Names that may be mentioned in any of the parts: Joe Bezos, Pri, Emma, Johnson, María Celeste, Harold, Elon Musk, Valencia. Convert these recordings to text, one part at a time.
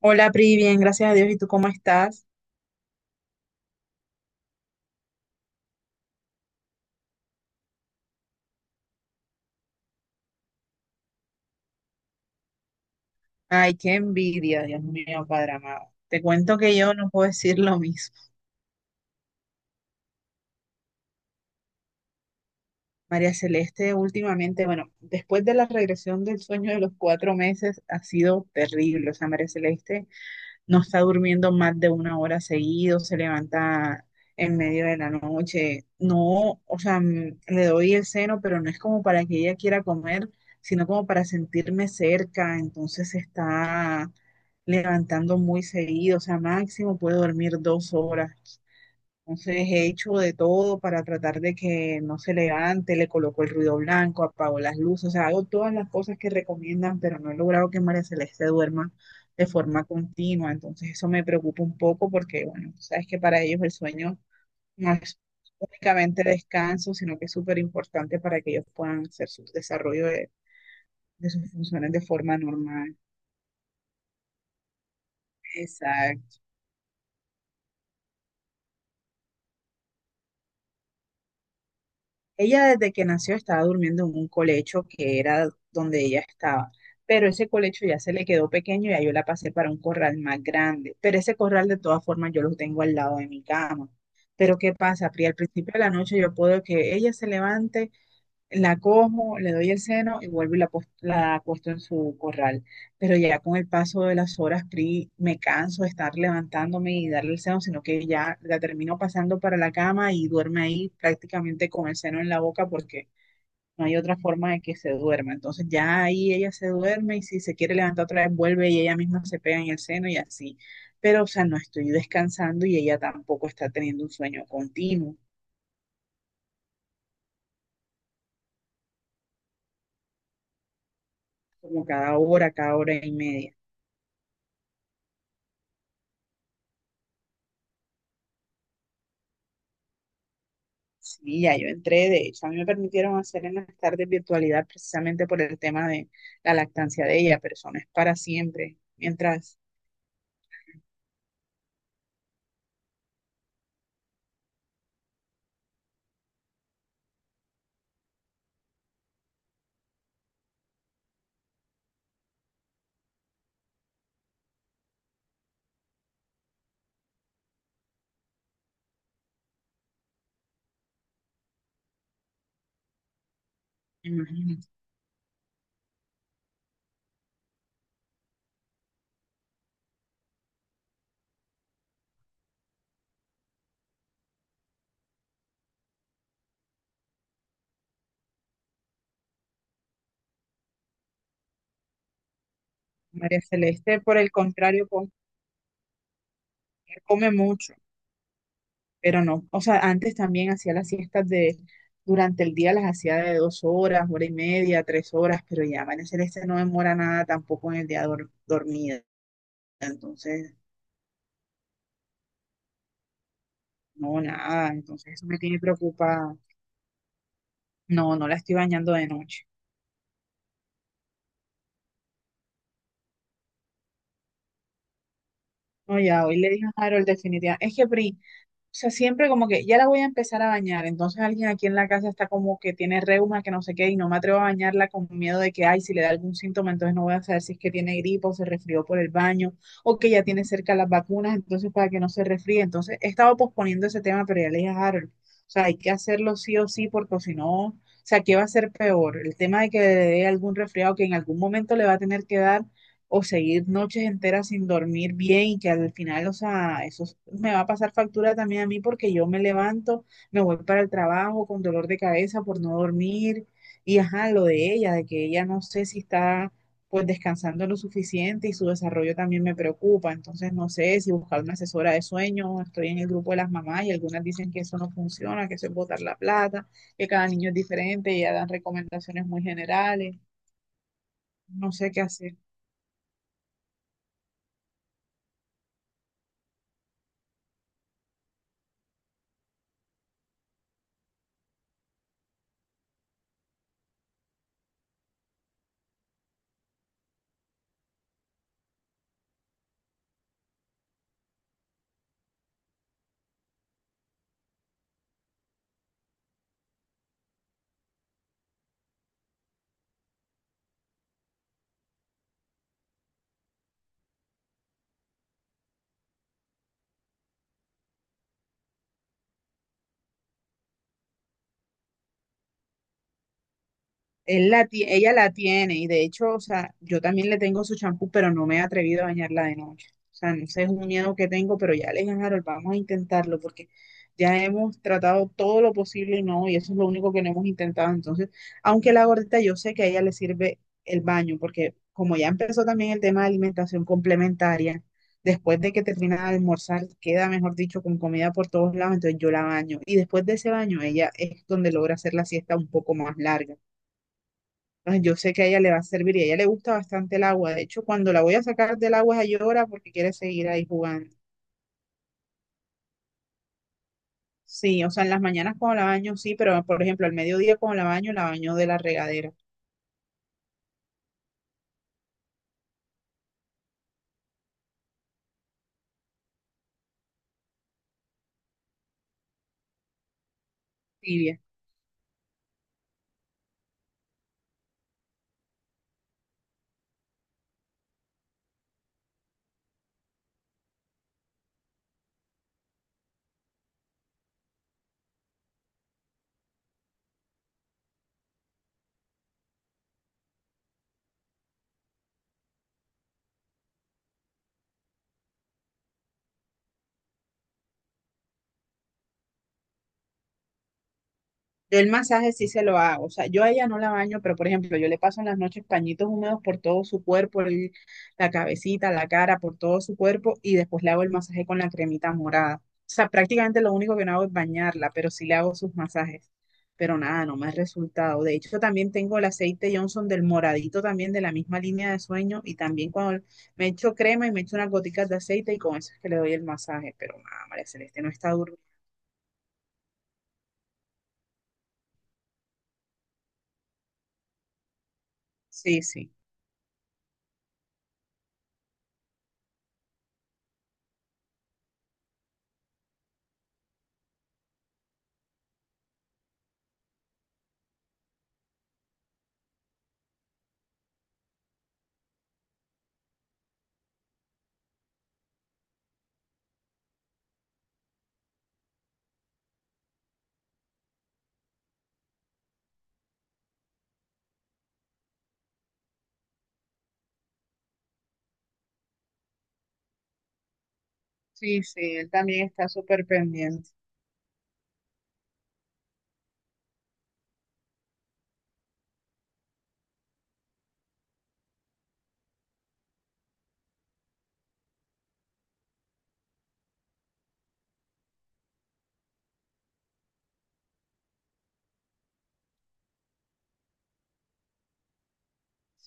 Hola, Pri, bien, gracias a Dios. ¿Y tú cómo estás? Ay, qué envidia, Dios mío, Padre amado. Te cuento que yo no puedo decir lo mismo. María Celeste, últimamente, bueno, después de la regresión del sueño de los 4 meses, ha sido terrible. O sea, María Celeste no está durmiendo más de 1 hora seguido, se levanta en medio de la noche. No, o sea, le doy el seno, pero no es como para que ella quiera comer, sino como para sentirme cerca. Entonces se está levantando muy seguido, o sea, máximo puede dormir 2 horas. Entonces he hecho de todo para tratar de que no se levante, le coloco el ruido blanco, apago las luces, o sea, hago todas las cosas que recomiendan, pero no he logrado que María Celeste duerma de forma continua. Entonces eso me preocupa un poco porque, bueno, tú sabes que para ellos el sueño no es únicamente descanso, sino que es súper importante para que ellos puedan hacer su desarrollo de sus funciones de forma normal. Exacto. Ella desde que nació estaba durmiendo en un colecho que era donde ella estaba, pero ese colecho ya se le quedó pequeño y ya yo la pasé para un corral más grande, pero ese corral de todas formas yo lo tengo al lado de mi cama. Pero ¿qué pasa, Pri? Al principio de la noche yo puedo que ella se levante la cojo, le doy el seno y vuelvo y la, la acuesto en su corral. Pero ya con el paso de las horas, Pri, me canso de estar levantándome y darle el seno, sino que ya la termino pasando para la cama y duerme ahí prácticamente con el seno en la boca porque no hay otra forma de que se duerma. Entonces ya ahí ella se duerme y si se quiere levantar otra vez, vuelve y ella misma se pega en el seno y así. Pero, o sea, no estoy descansando y ella tampoco está teniendo un sueño continuo, como cada hora y media. Sí, ya yo entré, de hecho, a mí me permitieron hacer en las tardes virtualidad precisamente por el tema de la lactancia de ella, pero eso no es para siempre. Mientras, imagínate, María Celeste, por el contrario, come, mucho, pero no, o sea, antes también hacía las siestas de, durante el día las hacía de 2 horas, hora y media, 3 horas, pero ya María Celeste no demora nada tampoco en el día dormida, entonces, no, nada, entonces eso me tiene preocupada. No, no la estoy bañando de noche. No, ya, hoy le dije a Harold definitivamente. Es que, Pri, o sea, siempre como que ya la voy a empezar a bañar. Entonces alguien aquí en la casa está como que tiene reuma, que no sé qué, y no me atrevo a bañarla con miedo de que, ay, si le da algún síntoma, entonces no voy a saber si es que tiene gripa o se resfrió por el baño, o que ya tiene cerca las vacunas, entonces para que no se resfríe. Entonces he estado posponiendo ese tema, pero ya le dije a Harold, o sea, hay que hacerlo sí o sí, porque si no, o sea, ¿qué va a ser peor? El tema de que le dé algún resfriado que en algún momento le va a tener que dar o seguir noches enteras sin dormir bien y que al final, o sea, eso es- me va a pasar factura también a mí porque yo me levanto, me voy para el trabajo con dolor de cabeza por no dormir y ajá, lo de ella, de que ella no sé si está pues descansando lo suficiente y su desarrollo también me preocupa, entonces no sé si buscar una asesora de sueño, estoy en el grupo de las mamás y algunas dicen que eso no funciona, que eso es botar la plata, que cada niño es diferente y ya dan recomendaciones muy generales, no sé qué hacer. Él la, ella la tiene y de hecho, o sea, yo también le tengo su champú, pero no me he atrevido a bañarla de noche. O sea, no sé, es un miedo que tengo, pero ya le dije, Harold, vamos a intentarlo porque ya hemos tratado todo lo posible y no, y eso es lo único que no hemos intentado. Entonces, aunque la gordita, yo sé que a ella le sirve el baño, porque como ya empezó también el tema de alimentación complementaria, después de que termina de almorzar, queda, mejor dicho, con comida por todos lados, entonces yo la baño. Y después de ese baño, ella es donde logra hacer la siesta un poco más larga. Ah, yo sé que a ella le va a servir y a ella le gusta bastante el agua. De hecho, cuando la voy a sacar del agua, ella llora porque quiere seguir ahí jugando. Sí, o sea, en las mañanas cuando la baño, sí, pero por ejemplo, al mediodía cuando la baño de la regadera tibia. Yo el masaje sí se lo hago, o sea, yo a ella no la baño, pero por ejemplo, yo le paso en las noches pañitos húmedos por todo su cuerpo, la cabecita, la cara, por todo su cuerpo y después le hago el masaje con la cremita morada. O sea, prácticamente lo único que no hago es bañarla, pero sí le hago sus masajes. Pero nada, no me ha resultado. De hecho, también tengo el aceite Johnson del moradito también de la misma línea de sueño y también cuando me echo crema y me echo unas goticas de aceite y con eso es que le doy el masaje. Pero nada, María Celeste no está durmiendo. Sí, sí. Sí, sí, él también está súper pendiente.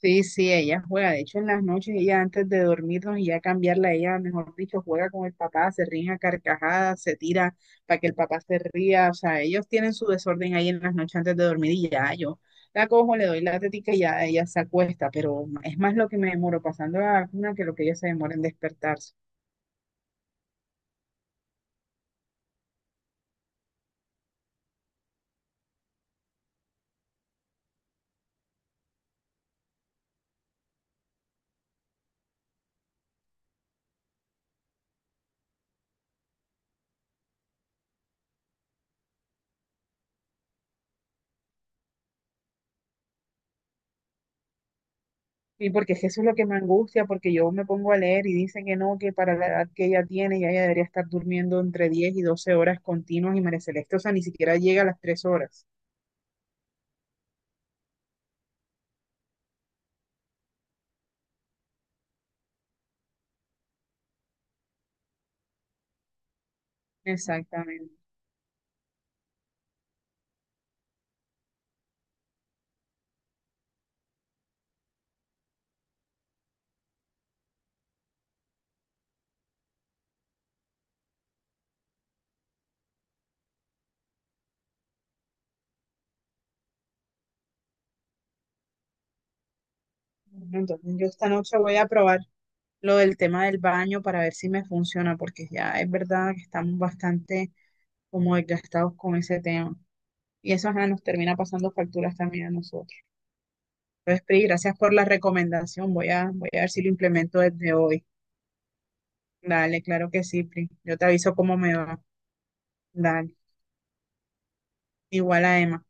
Sí, sí, ella juega. De hecho, en las noches, ella antes de dormirnos y ya cambiarla, ella, mejor dicho, juega con el papá, se ríe a carcajadas, se tira para que el papá se ría. O sea, ellos tienen su desorden ahí en las noches antes de dormir y ya yo la cojo, le doy la tetica y ya ella se acuesta. Pero es más lo que me demoro pasando a la vacuna que lo que ella se demora en despertarse. Y porque es que eso es lo que me angustia, porque yo me pongo a leer y dicen que no, que para la edad que ella tiene, ya ella debería estar durmiendo entre 10 y 12 horas continuas y María Celeste, o sea, ni siquiera llega a las 3 horas. Exactamente. Bueno, entonces yo esta noche voy a probar lo del tema del baño para ver si me funciona, porque ya es verdad que estamos bastante como desgastados con ese tema. Y eso ajá, nos termina pasando facturas también a nosotros. Entonces, Pri, gracias por la recomendación. Voy a, voy a ver si lo implemento desde hoy. Dale, claro que sí, Pri. Yo te aviso cómo me va. Dale. Igual a Emma.